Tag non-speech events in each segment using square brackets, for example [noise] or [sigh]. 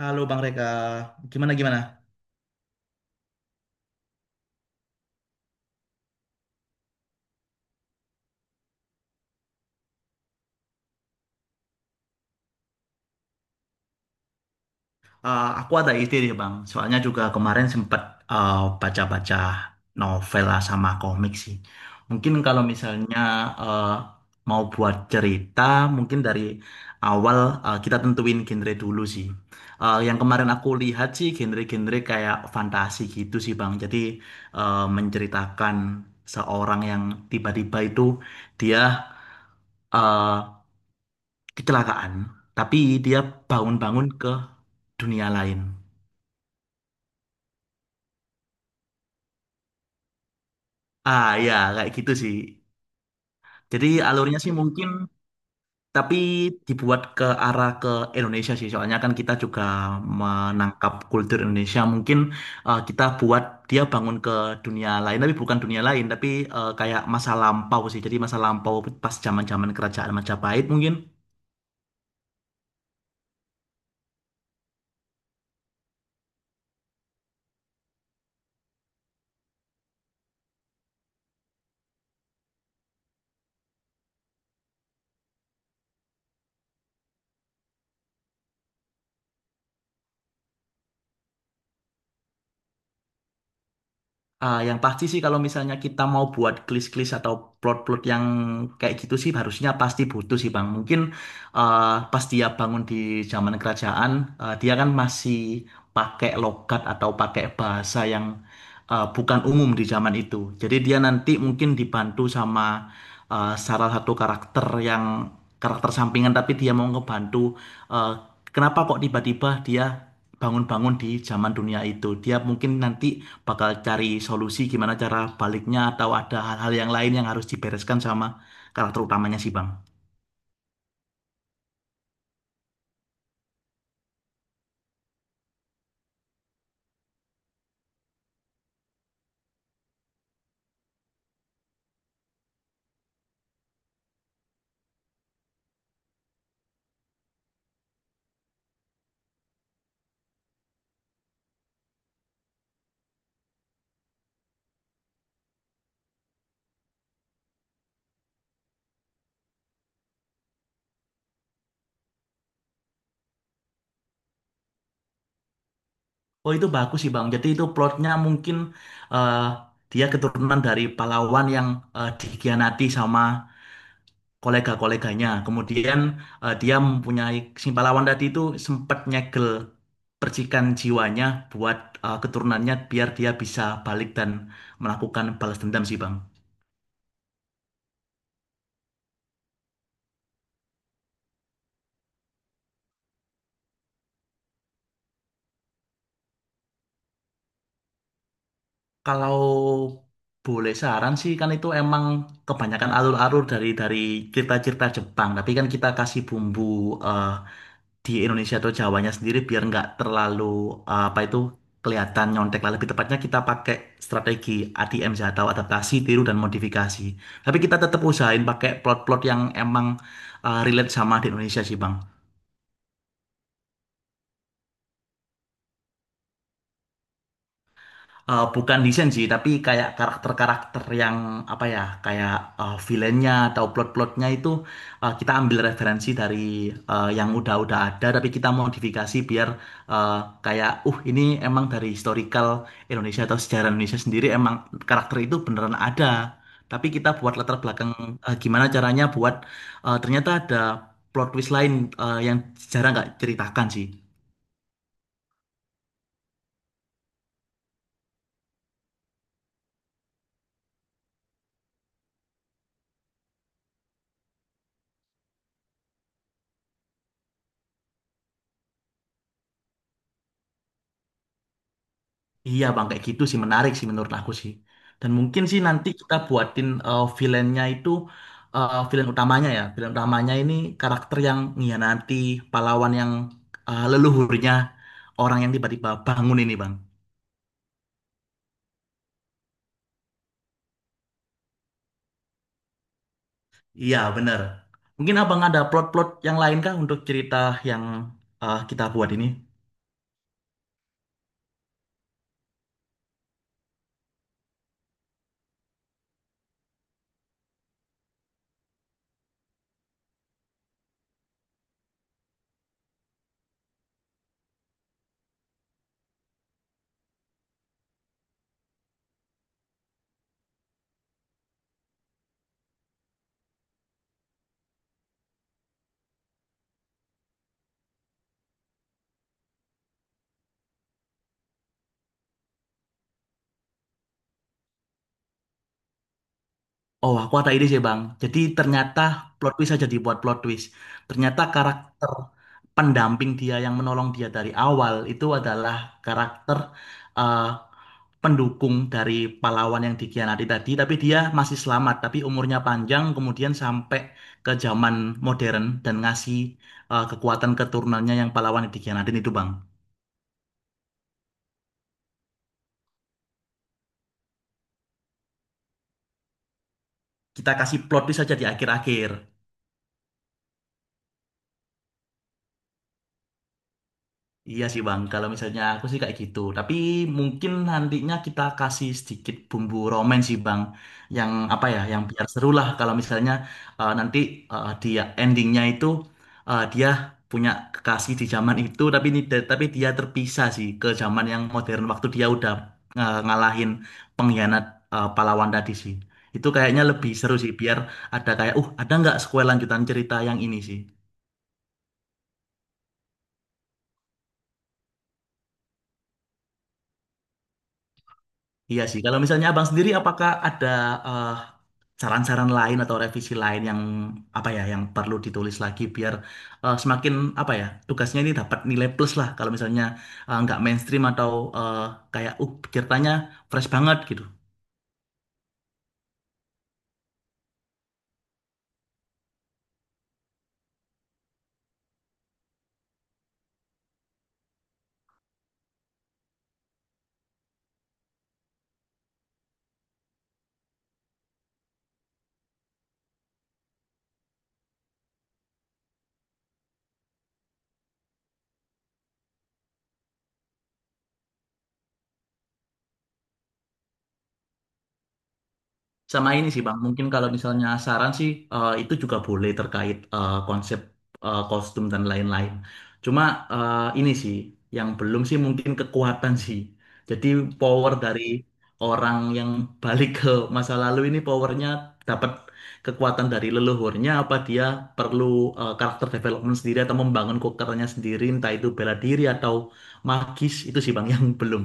Halo Bang Reka, gimana gimana? Aku ada ide nih Bang, soalnya juga kemarin sempat eh, baca-baca novel lah sama komik sih. Mungkin kalau misalnya eh, mau buat cerita, mungkin dari awal, kita tentuin genre dulu sih. Yang kemarin aku lihat sih genre-genre kayak fantasi gitu sih Bang. Jadi menceritakan seorang yang tiba-tiba itu dia eh, kecelakaan, tapi dia bangun-bangun ke dunia lain. Ah ya, kayak gitu sih. Jadi alurnya sih mungkin, tapi dibuat ke arah ke Indonesia sih. Soalnya kan kita juga menangkap kultur Indonesia. Mungkin kita buat dia bangun ke dunia lain, tapi bukan dunia lain, tapi kayak masa lampau sih. Jadi masa lampau pas zaman-zaman kerajaan Majapahit mungkin. Ah, yang pasti sih kalau misalnya kita mau buat klis-klis atau plot-plot yang kayak gitu sih harusnya pasti butuh sih Bang. Mungkin eh pas dia bangun di zaman kerajaan, dia kan masih pakai logat atau pakai bahasa yang bukan umum di zaman itu. Jadi dia nanti mungkin dibantu sama salah satu karakter yang karakter sampingan tapi dia mau ngebantu eh, kenapa kok tiba-tiba dia bangun-bangun di zaman dunia itu. Dia mungkin nanti bakal cari solusi gimana cara baliknya atau ada hal-hal yang lain yang harus dibereskan sama karakter utamanya sih Bang. Oh itu bagus sih Bang. Jadi itu plotnya mungkin eh, dia keturunan dari pahlawan yang dikhianati sama kolega-koleganya. Kemudian dia mempunyai si pahlawan tadi itu sempat nyegel percikan jiwanya buat keturunannya biar dia bisa balik dan melakukan balas dendam sih Bang. Kalau boleh saran sih kan itu emang kebanyakan alur-alur dari cerita-cerita Jepang. Tapi kan kita kasih bumbu eh, di Indonesia atau Jawanya sendiri biar nggak terlalu apa itu kelihatan nyontek lah. Lebih tepatnya kita pakai strategi ADM sih, atau adaptasi, tiru dan modifikasi. Tapi kita tetap usahain pakai plot-plot yang emang relate sama di Indonesia sih Bang. Bukan desain sih, tapi kayak karakter-karakter yang apa ya, kayak villainnya atau plot-plotnya itu kita ambil referensi dari yang udah-udah ada, tapi kita modifikasi biar eh, kayak, ini emang dari historical Indonesia atau sejarah Indonesia sendiri emang karakter itu beneran ada. Tapi kita buat latar belakang gimana caranya buat ternyata ada plot twist lain yang jarang nggak ceritakan sih. Iya bang, kayak gitu sih menarik sih menurut aku sih. Dan mungkin sih nanti kita buatin villainnya itu villain utamanya ya. Villain utamanya ini karakter yang nanti pahlawan yang leluhurnya orang yang tiba-tiba bangun ini bang. Iya bener. Mungkin abang ada plot-plot yang lain kah untuk cerita yang kita buat ini? Oh, aku ada ide sih, Bang. Jadi ternyata plot twist aja dibuat plot twist. Ternyata karakter pendamping dia yang menolong dia dari awal itu adalah karakter eh, pendukung dari pahlawan yang dikhianati tadi, tapi dia masih selamat, tapi umurnya panjang, kemudian sampai ke zaman modern dan ngasih kekuatan keturunannya yang pahlawan yang dikhianatin itu, Bang. Kita kasih plot twist aja di akhir-akhir. Iya sih Bang, kalau misalnya aku sih kayak gitu. Tapi mungkin nantinya kita kasih sedikit bumbu romen sih Bang. Yang apa ya, yang biar seru lah kalau misalnya eh, nanti dia endingnya itu, dia punya kekasih di zaman itu tapi ini tapi dia terpisah sih ke zaman yang modern waktu dia udah ngalahin pengkhianat pahlawan tadi sih. Itu kayaknya lebih seru sih biar ada kayak ada nggak sequel lanjutan cerita yang ini sih. Iya sih, kalau misalnya abang sendiri apakah ada eh, saran-saran lain atau revisi lain yang apa ya yang perlu ditulis lagi biar semakin apa ya tugasnya ini dapat nilai plus lah kalau misalnya nggak mainstream atau eh, kayak ceritanya fresh banget gitu. Sama ini sih Bang, mungkin kalau misalnya saran sih itu juga boleh terkait konsep kostum dan lain-lain. Cuma ini sih yang belum sih mungkin kekuatan sih. Jadi power dari orang yang [laughs] balik ke masa lalu ini powernya dapat kekuatan dari leluhurnya apa dia perlu karakter development sendiri atau membangun kokernya sendiri entah itu bela diri atau magis itu sih Bang [laughs] yang belum.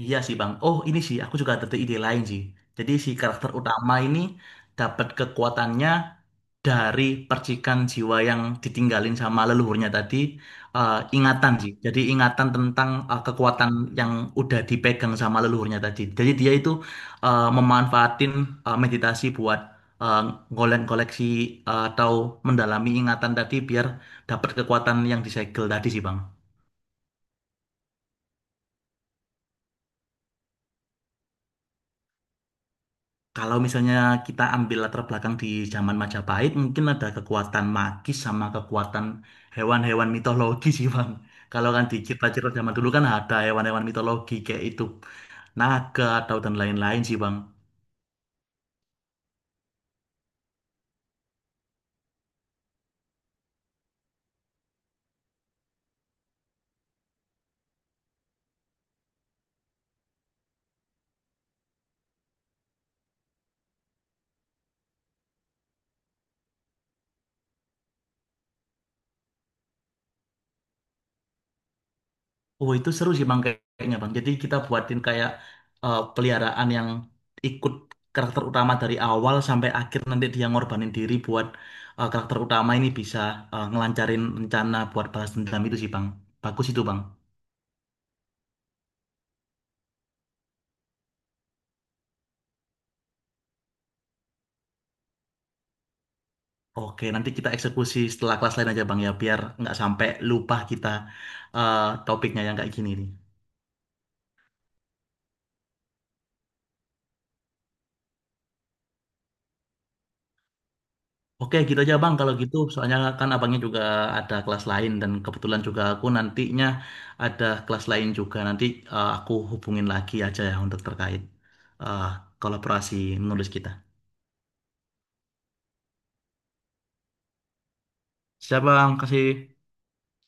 Iya sih Bang. Oh ini sih aku juga ada ide lain sih. Jadi si karakter utama ini dapat kekuatannya dari percikan jiwa yang ditinggalin sama leluhurnya tadi, ingatan sih. Jadi ingatan tentang kekuatan yang udah dipegang sama leluhurnya tadi. Jadi dia itu memanfaatin meditasi buat eh, golek-koleksi atau mendalami ingatan tadi biar dapat kekuatan yang disegel tadi sih Bang. Kalau misalnya kita ambil latar belakang di zaman Majapahit, mungkin ada kekuatan magis sama kekuatan hewan-hewan mitologi sih, Bang. Kalau kan di cerita-cerita zaman dulu kan ada hewan-hewan mitologi kayak itu, naga atau dan lain-lain sih, Bang. Oh, itu seru sih, Bang, kayaknya, Bang. Jadi kita buatin kayak peliharaan yang ikut karakter utama dari awal sampai akhir nanti dia ngorbanin diri buat karakter utama ini bisa ngelancarin rencana buat balas dendam itu sih, Bang. Bagus itu, Bang. Oke, nanti kita eksekusi setelah kelas lain aja Bang ya, biar nggak sampai lupa kita topiknya yang kayak gini nih. Oke, gitu aja Bang kalau gitu. Soalnya kan abangnya juga ada kelas lain dan kebetulan juga aku nantinya ada kelas lain juga. Nanti aku hubungin lagi aja ya untuk terkait eh, kolaborasi menulis kita. Siap Bang, kasih.